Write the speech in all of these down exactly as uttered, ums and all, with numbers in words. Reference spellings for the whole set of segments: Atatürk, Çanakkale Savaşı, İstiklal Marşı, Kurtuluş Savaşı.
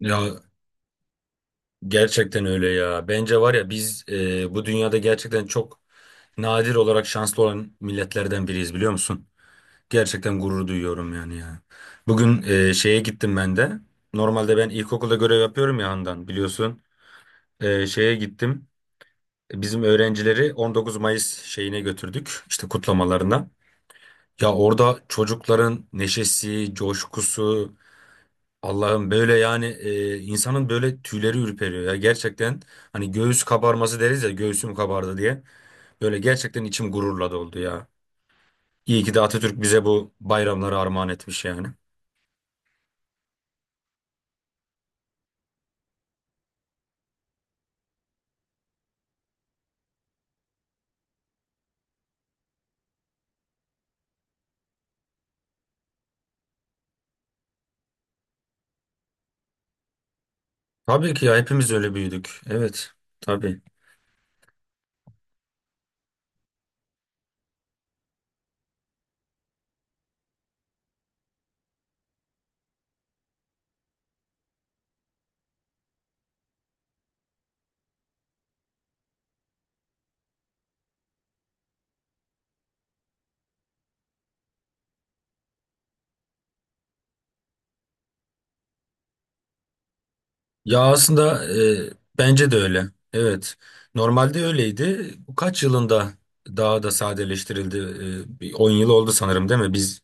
Ya gerçekten öyle ya. Bence var ya biz e, bu dünyada gerçekten çok nadir olarak şanslı olan milletlerden biriyiz biliyor musun? Gerçekten gurur duyuyorum yani ya. Bugün e, şeye gittim ben de. Normalde ben ilkokulda görev yapıyorum ya Handan biliyorsun. E, şeye gittim. Bizim öğrencileri on dokuz Mayıs şeyine götürdük işte kutlamalarına. Ya orada çocukların neşesi, coşkusu, Allah'ım böyle yani e, insanın böyle tüyleri ürperiyor ya gerçekten, hani göğüs kabarması deriz ya, göğsüm kabardı diye böyle gerçekten içim gururla doldu ya. İyi ki de Atatürk bize bu bayramları armağan etmiş yani. Tabii ki ya, hepimiz öyle büyüdük. Evet, tabii. Ya aslında, e, bence de öyle. Evet. Normalde öyleydi. Bu kaç yılında daha da sadeleştirildi? E, bir on yıl oldu sanırım değil mi? Biz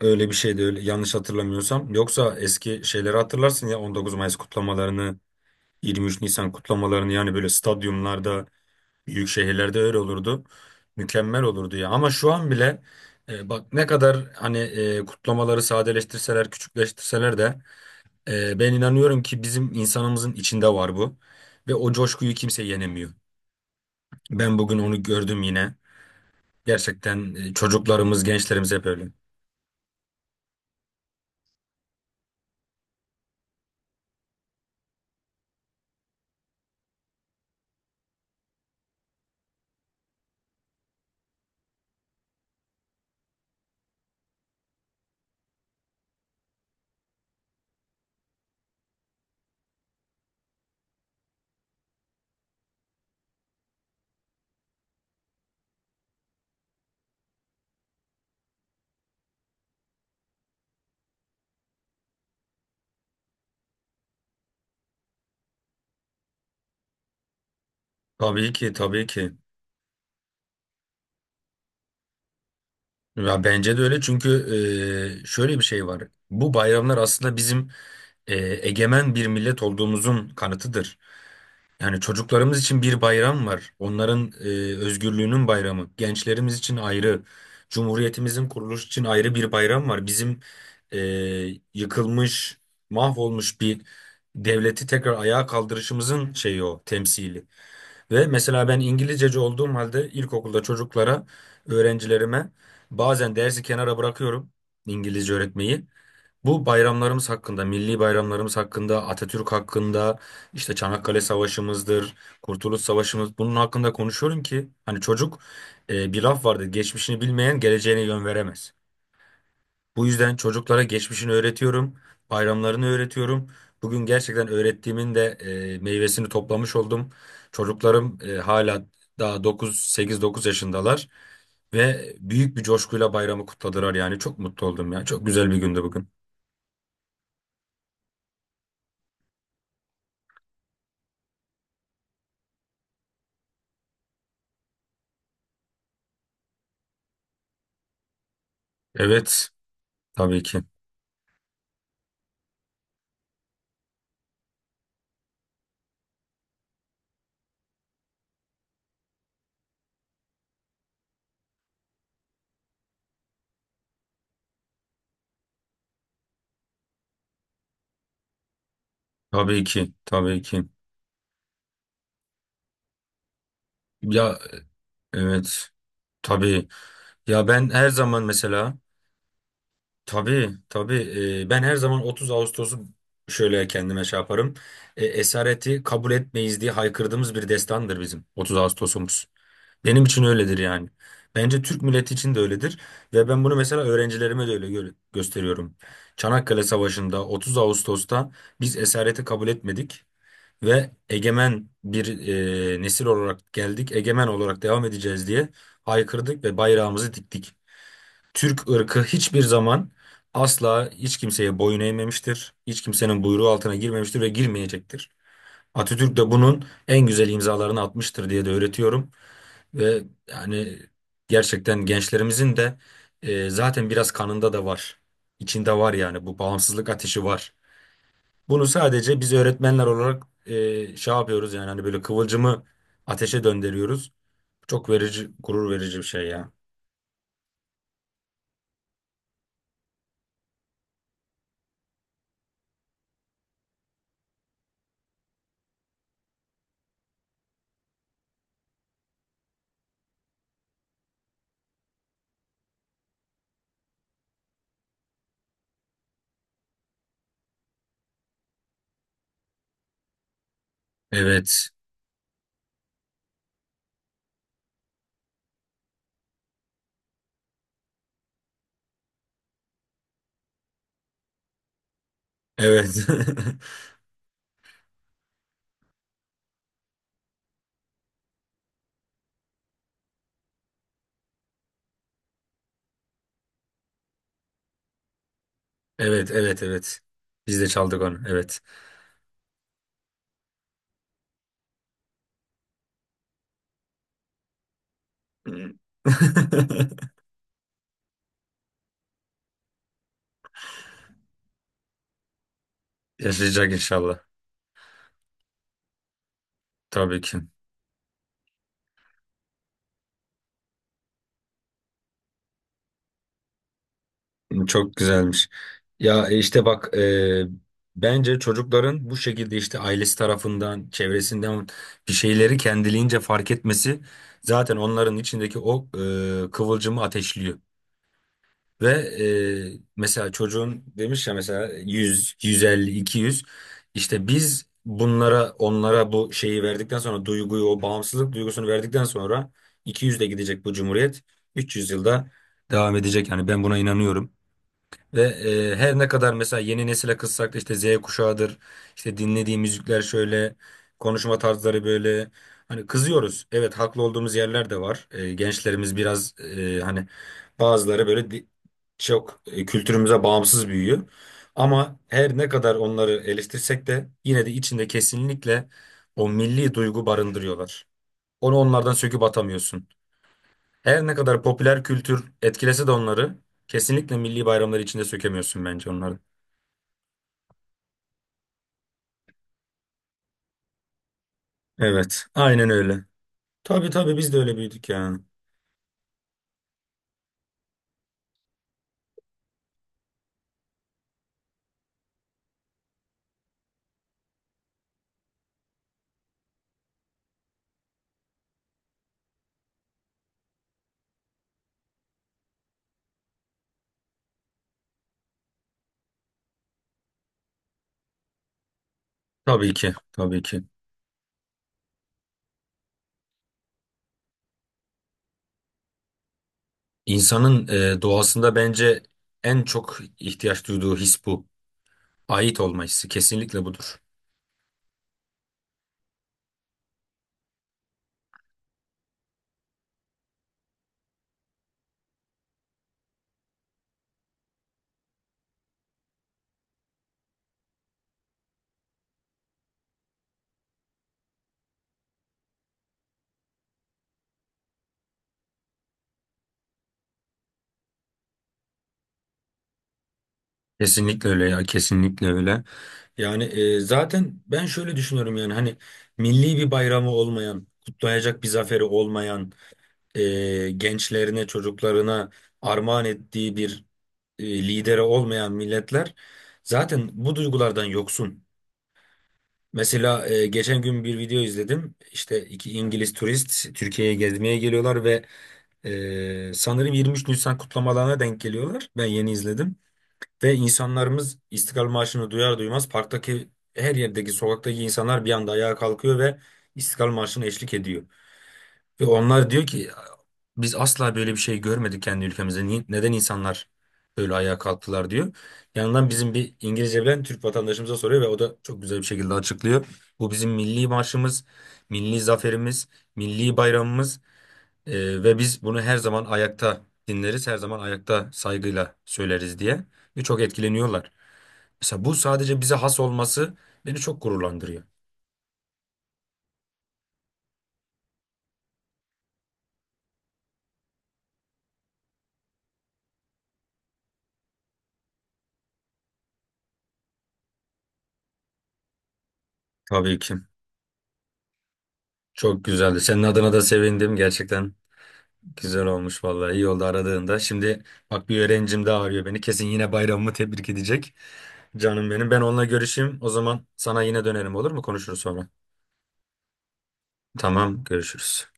öyle bir şeydi, öyle yanlış hatırlamıyorsam. Yoksa eski şeyleri hatırlarsın ya, on dokuz Mayıs kutlamalarını, yirmi üç Nisan kutlamalarını, yani böyle stadyumlarda, büyük şehirlerde öyle olurdu. Mükemmel olurdu ya. Ama şu an bile e, bak, ne kadar hani e, kutlamaları sadeleştirseler, küçükleştirseler de e, ben inanıyorum ki bizim insanımızın içinde var bu. Ve o coşkuyu kimse yenemiyor. Ben bugün onu gördüm yine. Gerçekten e, çocuklarımız, gençlerimiz hep öyle. Tabii ki, tabii ki. Ya bence de öyle, çünkü e, şöyle bir şey var. Bu bayramlar aslında bizim e, egemen bir millet olduğumuzun kanıtıdır. Yani çocuklarımız için bir bayram var. Onların e, özgürlüğünün bayramı. Gençlerimiz için ayrı. Cumhuriyetimizin kuruluşu için ayrı bir bayram var. Bizim e, yıkılmış, mahvolmuş bir devleti tekrar ayağa kaldırışımızın şeyi, o temsili. Ve mesela ben İngilizceci olduğum halde ilkokulda çocuklara, öğrencilerime bazen dersi kenara bırakıyorum İngilizce öğretmeyi. Bu bayramlarımız hakkında, milli bayramlarımız hakkında, Atatürk hakkında, işte Çanakkale Savaşımızdır, Kurtuluş Savaşımız, bunun hakkında konuşuyorum ki hani çocuk... e, Bir laf vardı: geçmişini bilmeyen geleceğine yön veremez. Bu yüzden çocuklara geçmişini öğretiyorum, bayramlarını öğretiyorum. Bugün gerçekten öğrettiğimin de e, meyvesini toplamış oldum. Çocuklarım e, hala daha dokuz, sekiz dokuz yaşındalar ve büyük bir coşkuyla bayramı kutladılar yani. Çok mutlu oldum ya. Çok güzel bir gündü bugün. Evet, tabii ki. Tabii ki, tabii ki. Ya evet, tabii. Ya ben her zaman mesela... Tabii, tabii. Ee, ben her zaman otuz Ağustos'u şöyle kendime şey yaparım. E, esareti kabul etmeyiz diye haykırdığımız bir destandır bizim otuz Ağustos'umuz. Benim için öyledir yani. Bence Türk milleti için de öyledir ve ben bunu mesela öğrencilerime de öyle gö- gösteriyorum. Çanakkale Savaşı'nda otuz Ağustos'ta biz esareti kabul etmedik ve egemen bir e, nesil olarak geldik, egemen olarak devam edeceğiz diye haykırdık ve bayrağımızı diktik. Türk ırkı hiçbir zaman asla hiç kimseye boyun eğmemiştir. Hiç kimsenin buyruğu altına girmemiştir ve girmeyecektir. Atatürk de bunun en güzel imzalarını atmıştır diye de öğretiyorum. Ve yani gerçekten gençlerimizin de e, zaten biraz kanında da var. İçinde var yani, bu bağımsızlık ateşi var. Bunu sadece biz öğretmenler olarak e, şey yapıyoruz yani, hani böyle kıvılcımı ateşe döndürüyoruz. Çok verici, gurur verici bir şey ya. Evet, evet. Evet, evet, evet. Biz de çaldık onu, evet. Yaşayacak inşallah. Tabii ki. Çok güzelmiş. Ya e, işte bak, e, bence çocukların bu şekilde işte ailesi tarafından, çevresinden bir şeyleri kendiliğince fark etmesi zaten onların içindeki o e, kıvılcımı ateşliyor. Ve e, mesela çocuğun demiş ya mesela yüz, yüz elli, iki yüz, işte biz bunlara, onlara bu şeyi verdikten sonra, duyguyu, o bağımsızlık duygusunu verdikten sonra iki yüz de gidecek bu cumhuriyet, üç yüz yılda devam edecek yani, ben buna inanıyorum. Ve e, her ne kadar mesela yeni nesile kızsak da, işte Z kuşağıdır, işte dinlediği müzikler şöyle, konuşma tarzları böyle. Hani kızıyoruz. Evet, haklı olduğumuz yerler de var. E, gençlerimiz biraz e, hani bazıları böyle di- çok e, kültürümüze bağımsız büyüyor. Ama her ne kadar onları eleştirsek de, yine de içinde kesinlikle o milli duygu barındırıyorlar. Onu onlardan söküp atamıyorsun. Her ne kadar popüler kültür etkilese de onları, kesinlikle milli bayramları içinde sökemiyorsun bence onları. Evet, aynen öyle. Tabii tabii, biz de öyle büyüdük ya. Tabii ki, tabii ki. İnsanın e, doğasında bence en çok ihtiyaç duyduğu his bu. Ait olma hissi kesinlikle budur. Kesinlikle öyle ya, kesinlikle öyle. Yani e, zaten ben şöyle düşünüyorum yani, hani milli bir bayramı olmayan, kutlayacak bir zaferi olmayan, e, gençlerine, çocuklarına armağan ettiği bir e, lideri olmayan milletler zaten bu duygulardan yoksun. Mesela e, geçen gün bir video izledim. İşte iki İngiliz turist Türkiye'ye gezmeye geliyorlar ve e, sanırım yirmi üç Nisan kutlamalarına denk geliyorlar. Ben yeni izledim. Ve insanlarımız İstiklal Marşı'nı duyar duymaz parktaki, her yerdeki, sokaktaki insanlar bir anda ayağa kalkıyor ve İstiklal Marşı'na eşlik ediyor. Ve onlar diyor ki biz asla böyle bir şey görmedik kendi ülkemizde. Ni- Neden insanlar böyle ayağa kalktılar diyor. Yanından bizim bir İngilizce bilen Türk vatandaşımıza soruyor ve o da çok güzel bir şekilde açıklıyor. Bu bizim milli marşımız, milli zaferimiz, milli bayramımız, e, ve biz bunu her zaman ayakta dinleriz, her zaman ayakta saygıyla söyleriz diye, ve çok etkileniyorlar. Mesela bu sadece bize has olması beni çok gururlandırıyor. Tabii ki. Çok güzeldi. Senin adına da sevindim gerçekten. Güzel olmuş vallahi, iyi oldu aradığında. Şimdi bak, bir öğrencim daha arıyor beni. Kesin yine bayramımı tebrik edecek. Canım benim. Ben onunla görüşeyim. O zaman sana yine dönerim olur mu? Konuşuruz sonra. Tamam, görüşürüz.